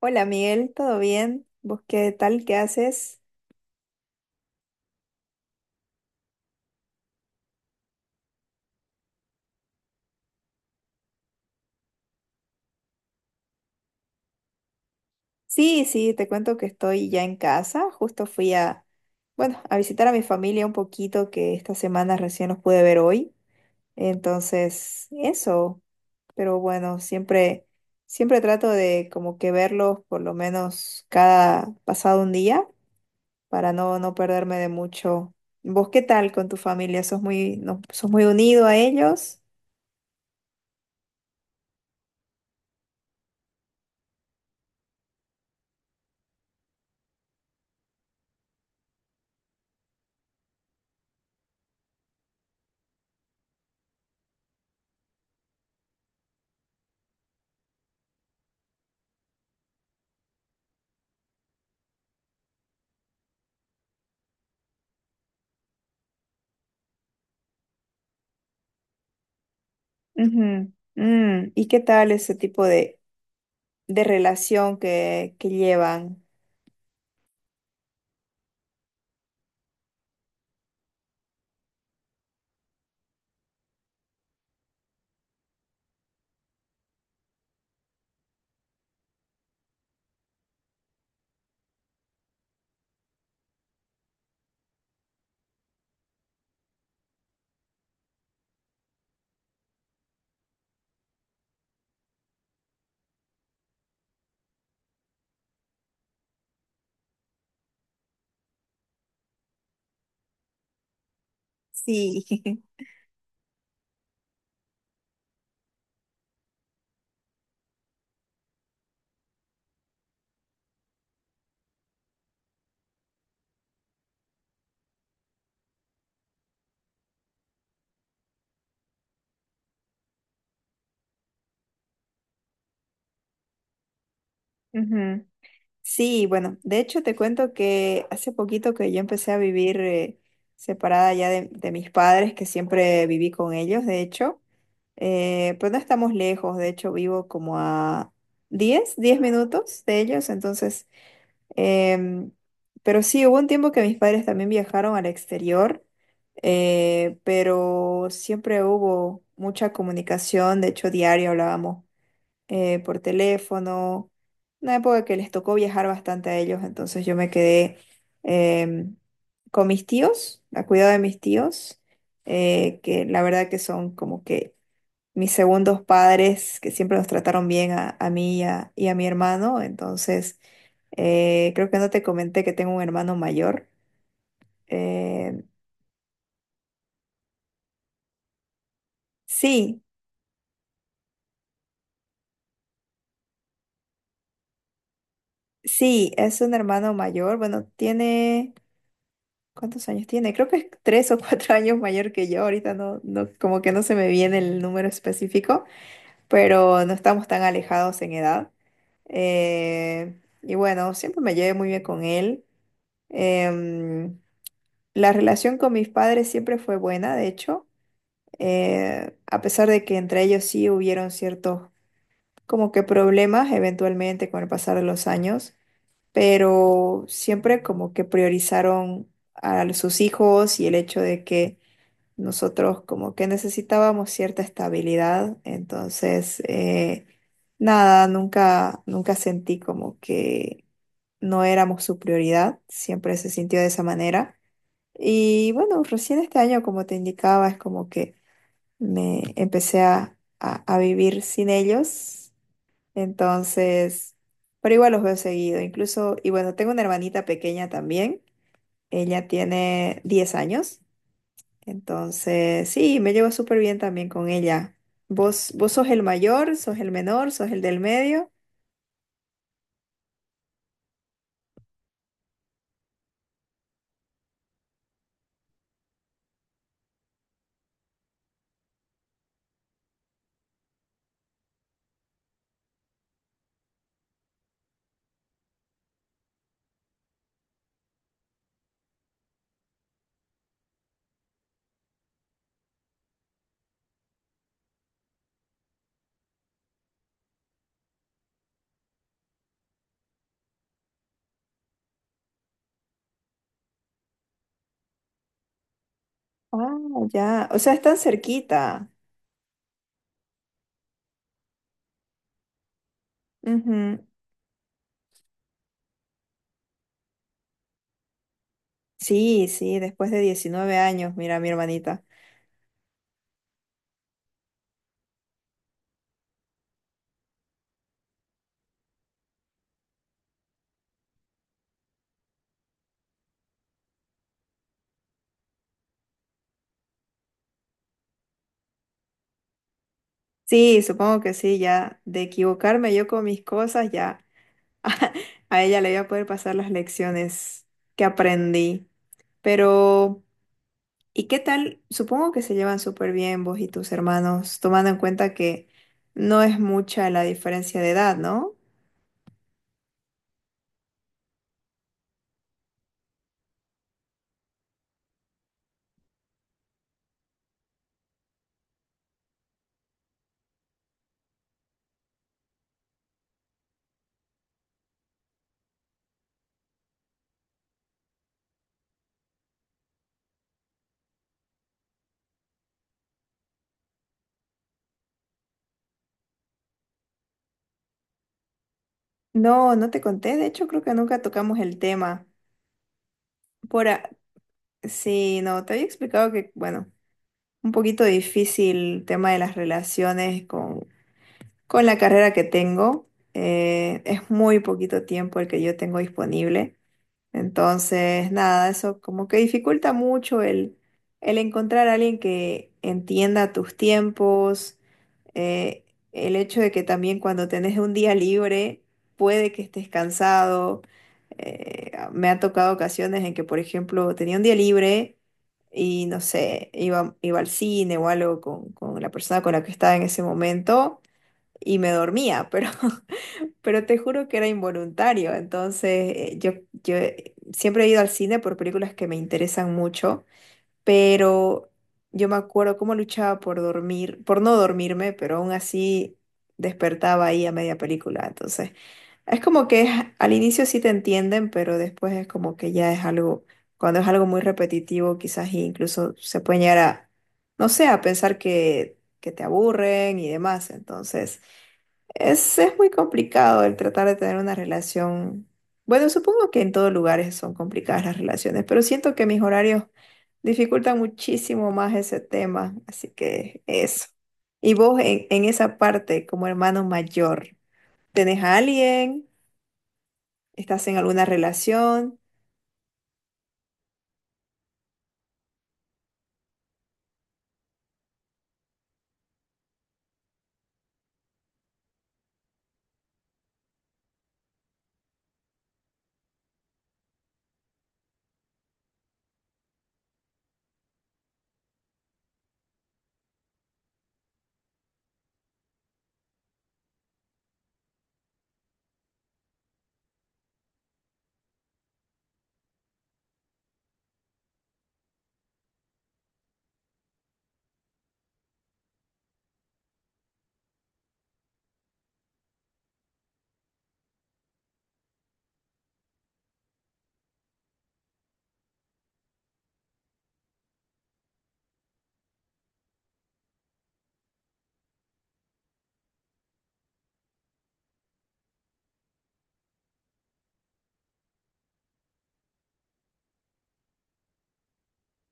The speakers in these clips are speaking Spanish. Hola Miguel, ¿todo bien? ¿Vos qué tal? ¿Qué haces? Sí, sí, te cuento que estoy ya en casa. Justo fui a, bueno, a visitar a mi familia un poquito, que esta semana recién los pude ver hoy. Entonces, eso. Pero bueno, siempre trato de como que verlos por lo menos cada pasado un día para no perderme de mucho. ¿Vos qué tal con tu familia? ¿Sos muy, no, sos muy unido a ellos? Ujú. Mm, ¿y qué tal ese tipo de relación que llevan? Sí. Ujú. Sí, bueno, de hecho te cuento que hace poquito que yo empecé a vivir separada ya de mis padres, que siempre viví con ellos, de hecho, pero no estamos lejos, de hecho vivo como a diez minutos de ellos, entonces, em, pero sí, hubo un tiempo que mis padres también viajaron al exterior, pero siempre hubo mucha comunicación, de hecho diario hablábamos por teléfono. Una época que les tocó viajar bastante a ellos, entonces yo me quedé em, con mis tíos, a cuidado de mis tíos, que la verdad que son como que mis segundos padres, que siempre nos trataron bien a mí y a mi hermano. Entonces, creo que no te comenté que tengo un hermano mayor. Em, sí, sí, es un hermano mayor. Bueno, tiene... ¿Cuántos años tiene? Creo que es 3 o 4 años mayor que yo. Ahorita no, no, como que no se me viene el número específico, pero no estamos tan alejados en edad. Y bueno, siempre me llevé muy bien con él. Em, la relación con mis padres siempre fue buena, de hecho, a pesar de que entre ellos sí hubieron ciertos como que problemas eventualmente con el pasar de los años, pero siempre como que priorizaron a sus hijos y el hecho de que nosotros como que necesitábamos cierta estabilidad, entonces nada, nunca sentí como que no éramos su prioridad, siempre se sintió de esa manera. Y bueno, recién este año, como te indicaba, es como que me empecé a vivir sin ellos, entonces, pero igual los veo seguido, incluso, y bueno, tengo una hermanita pequeña también, ella tiene 10 años. Entonces, sí, me llevo súper bien también con ella. ¿Vos, vos sos el mayor, sos el menor, sos el del medio? Ah, ya. O sea, están cerquita. Ujú. Sí, sí, después de 19 años, mira, mi hermanita. Sí, supongo que sí, ya. De equivocarme yo con mis cosas, ya. A ella le voy a poder pasar las lecciones que aprendí. Pero... ¿Y qué tal? Supongo que se llevan súper bien vos y tus hermanos, tomando en cuenta que no es mucha la diferencia de edad, ¿no? No, no te conté, de hecho creo que nunca tocamos el tema. Por a- Sí, no, te había explicado que, bueno, un poquito difícil el tema de las relaciones con la carrera que tengo. Es muy poquito tiempo el que yo tengo disponible. Entonces, nada, eso como que dificulta mucho el encontrar a alguien que entienda tus tiempos, eh, el hecho de que también cuando tenés un día libre puede que estés cansado. Me ha tocado ocasiones en que, por ejemplo, tenía un día libre y no sé, iba al cine o algo con la persona con la que estaba en ese momento y me dormía, pero Pero te juro que era involuntario. Entonces, yo, siempre he ido al cine por películas que me interesan mucho, pero yo me acuerdo cómo luchaba por dormir, por no dormirme, pero aún así despertaba ahí a media película. Entonces, es como que es- al inicio sí te entienden, pero después es como que ya es algo, cuando es algo muy repetitivo, quizás incluso se puede llegar a, no sé, a pensar que te aburren y demás. Entonces... Es muy complicado el tratar de tener una relación. Bueno, supongo que en todos lugares son complicadas las relaciones, pero siento que mis horarios dificultan muchísimo más ese tema, así que eso. Y vos en esa parte, como hermano mayor, ¿tenés a alguien? ¿Estás en alguna relación?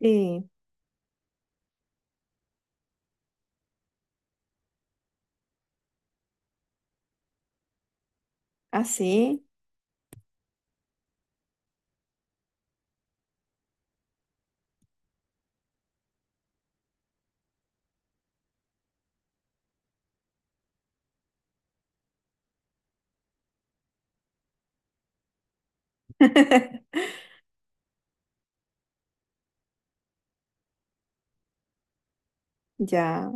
Sí, así. Ya.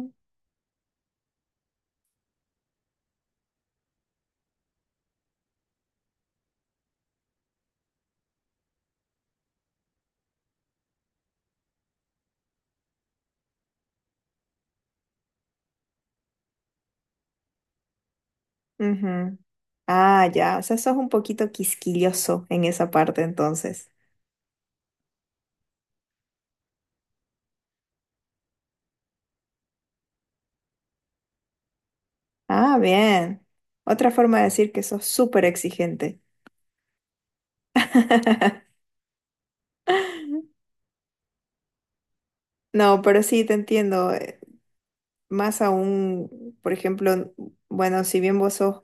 Ujú. Ah, ya. O sea, sos un poquito quisquilloso en esa parte entonces. Ah, bien. Otra forma de decir que sos súper exigente. No, pero sí te entiendo. Más aún, por ejemplo, bueno, si bien vos sos,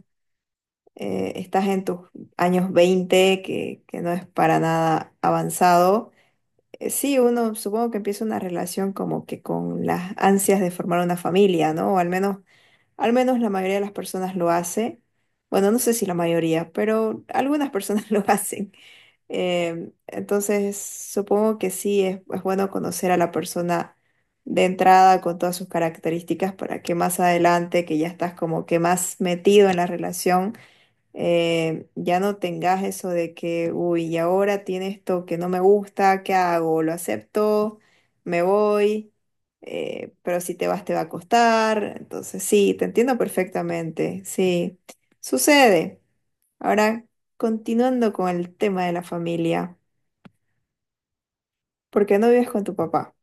estás en tus años 20, que no es para nada avanzado, sí, uno supongo que empieza una relación como que con las ansias de formar una familia, ¿no? O al menos la mayoría de las personas lo hace. Bueno, no sé si la mayoría, pero algunas personas lo hacen. Entonces, supongo que sí, es bueno conocer a la persona de entrada con todas sus características para que más adelante, que ya estás como que más metido en la relación, ya no tengas eso de que, uy, y ahora tiene esto que no me gusta, ¿qué hago? ¿Lo acepto? ¿Me voy? Pero si te vas, te va a costar. Entonces, sí, te entiendo perfectamente, sí, sucede. Ahora, continuando con el tema de la familia. ¿Por qué no vives con tu papá?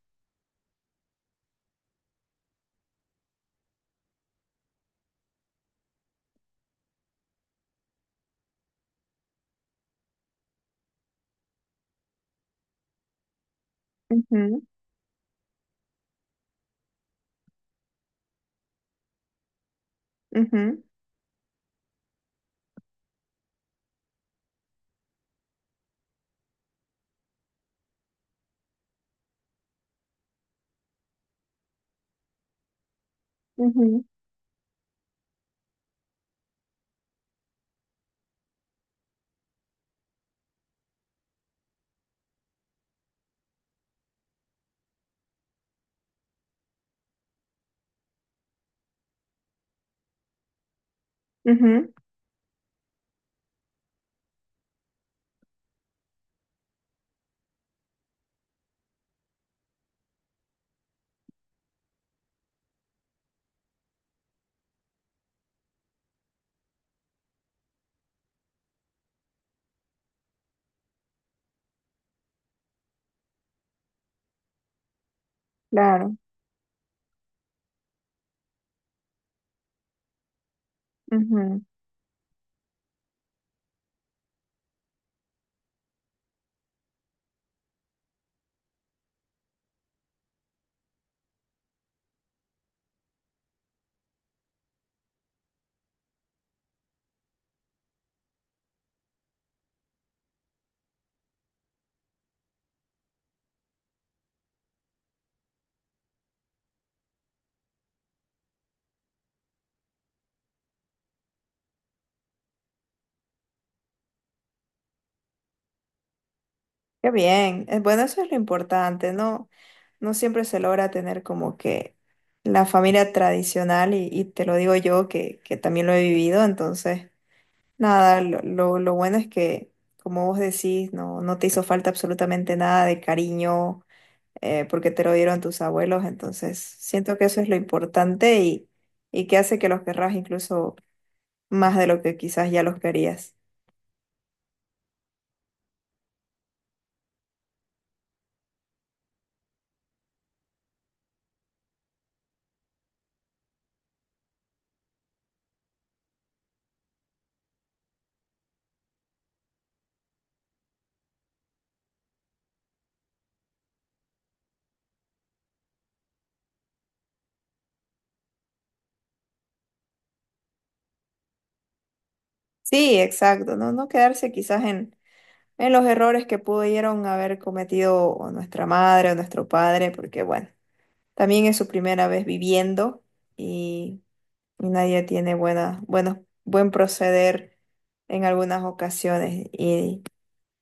Ujú, ujú, ujú, ujú, claro. Ujú. Qué bien. Bueno, eso es lo importante, ¿no? No siempre se logra tener como que la familia tradicional y te lo digo yo que también lo he vivido, entonces, nada, lo bueno es que, como vos decís, no, no te hizo falta absolutamente nada de cariño porque te lo dieron tus abuelos, entonces siento que eso es lo importante y que hace que los querrás incluso más de lo que quizás ya los querías. Sí, exacto, no, no quedarse quizás en, los errores que pudieron haber cometido o nuestra madre o nuestro padre, porque bueno, también es su primera vez viviendo y, y nadie tiene buena, buenos, buen proceder en algunas ocasiones y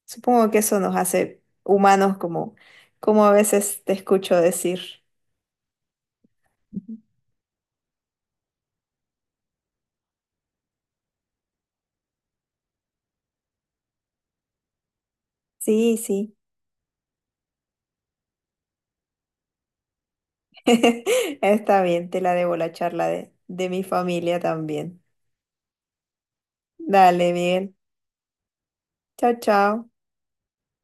supongo que eso nos hace humanos como, como a veces te escucho decir. Ujú. Sí, sí, está bien, te la debo la charla de mi familia también. Dale, bien. Chao, chao.